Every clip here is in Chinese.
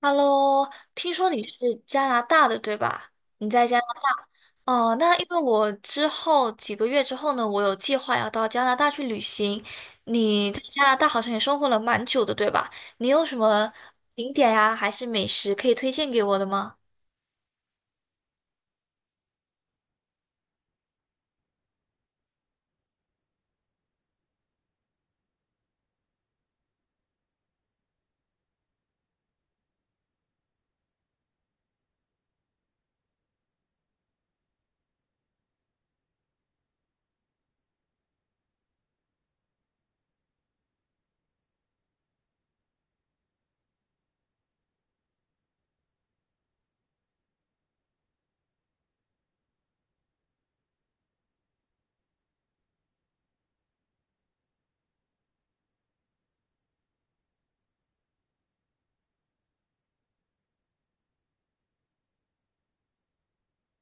Hello，听说你是加拿大的，对吧？你在加拿大哦，那因为我之后几个月之后呢，我有计划要到加拿大去旅行。你在加拿大好像也生活了蛮久的，对吧？你有什么景点呀，还是美食可以推荐给我的吗？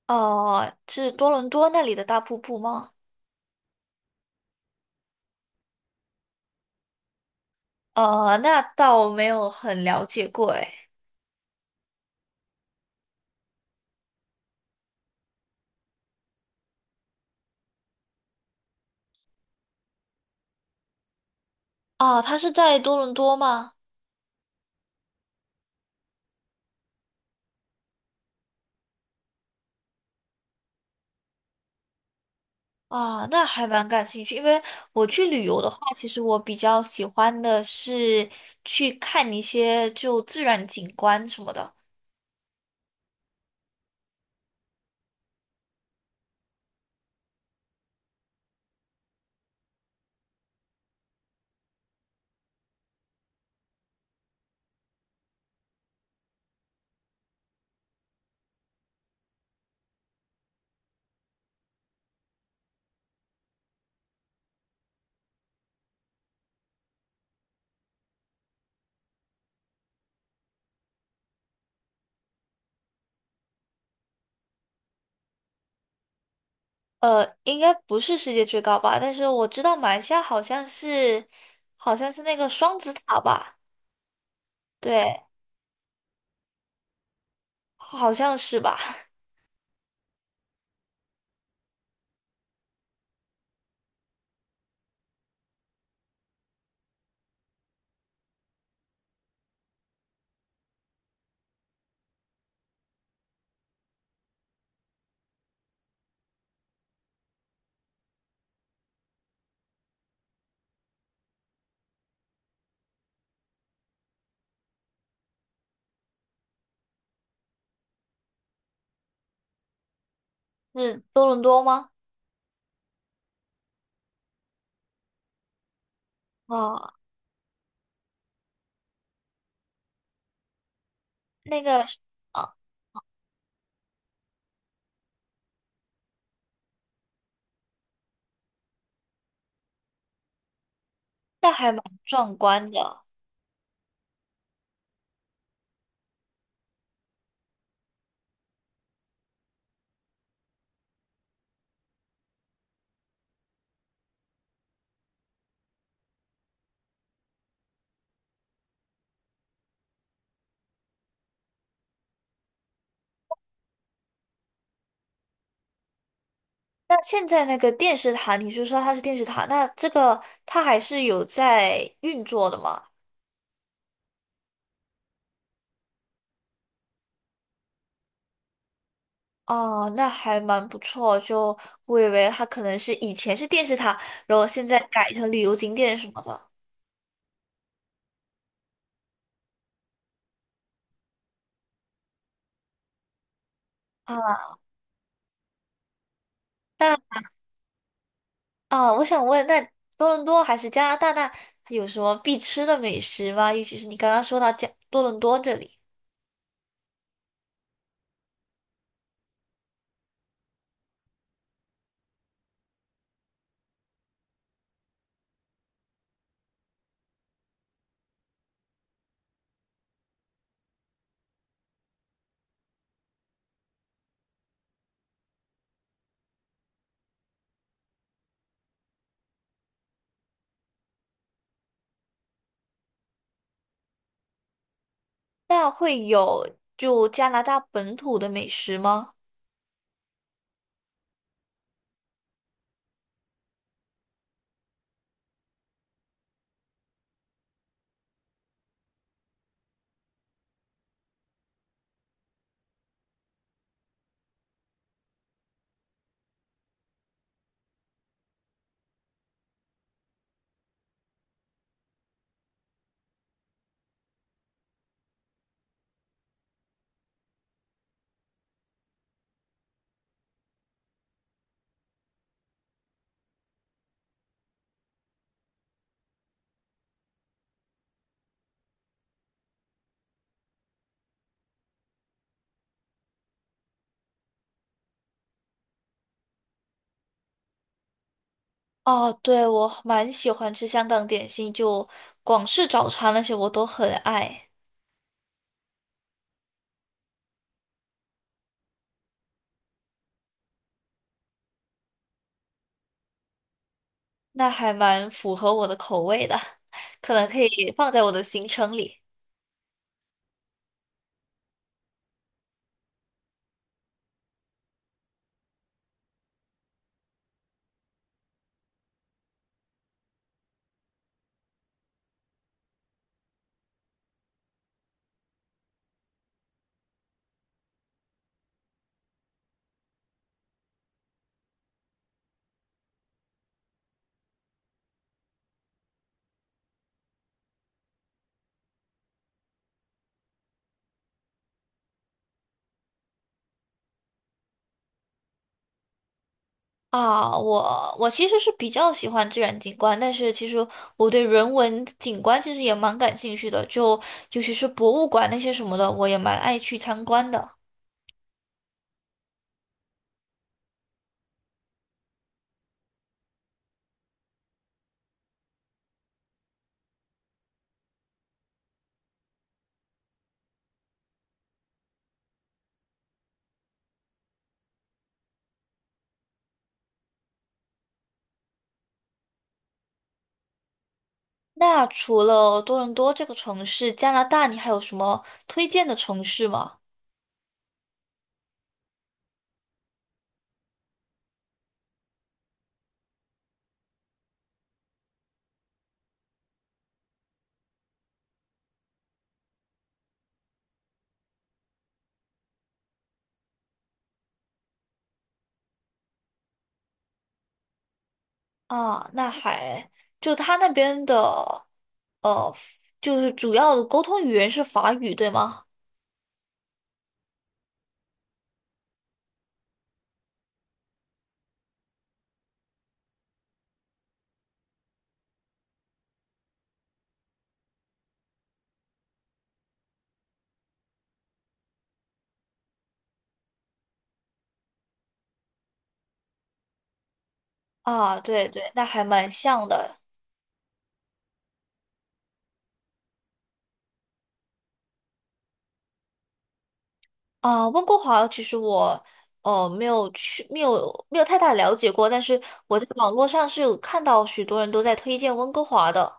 哦，是多伦多那里的大瀑布吗？哦，那倒没有很了解过，诶。哦，它是在多伦多吗？啊，那还蛮感兴趣，因为我去旅游的话，其实我比较喜欢的是去看一些就自然景观什么的。应该不是世界最高吧，但是我知道马来西亚好像是，好像是那个双子塔吧？对，好像是吧？是多伦多吗？啊，那个啊，那还蛮壮观的。那现在那个电视塔，你是说它是电视塔？那这个它还是有在运作的吗？哦，那还蛮不错。就我以为它可能是以前是电视塔，然后现在改成旅游景点什么的啊。那啊，我想问，那多伦多还是加拿大，那有什么必吃的美食吗？尤其是你刚刚说到加多伦多这里，那会有就加拿大本土的美食吗？哦，对，我蛮喜欢吃香港点心，就广式早餐那些我都很爱，那还蛮符合我的口味的，可能可以放在我的行程里。啊，我其实是比较喜欢自然景观，但是其实我对人文景观其实也蛮感兴趣的，就尤其是博物馆那些什么的，我也蛮爱去参观的。那除了多伦多这个城市，加拿大你还有什么推荐的城市吗？啊，那还就他那边的，呃，就是主要的沟通语言是法语，对吗？啊，对对，那还蛮像的。啊，温哥华其实我没有去，没有太大了解过，但是我在网络上是有看到许多人都在推荐温哥华的。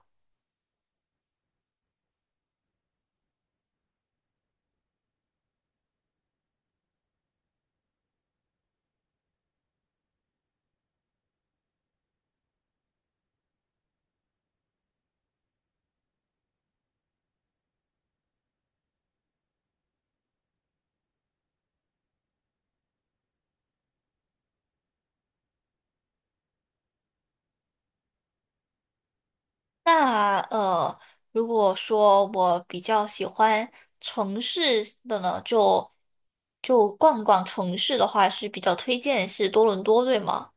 那如果说我比较喜欢城市的呢，就逛一逛城市的话，是比较推荐是多伦多，对吗？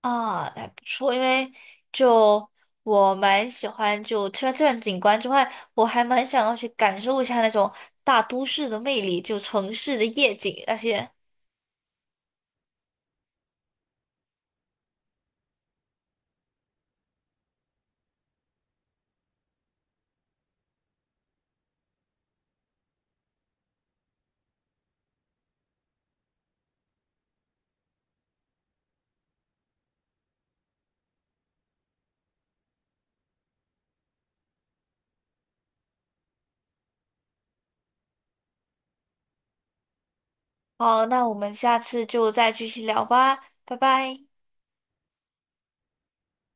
啊，还不错，因为就我蛮喜欢，就除了自然景观之外，我还蛮想要去感受一下那种大都市的魅力，就城市的夜景那些。好，那我们下次就再继续聊吧，拜拜。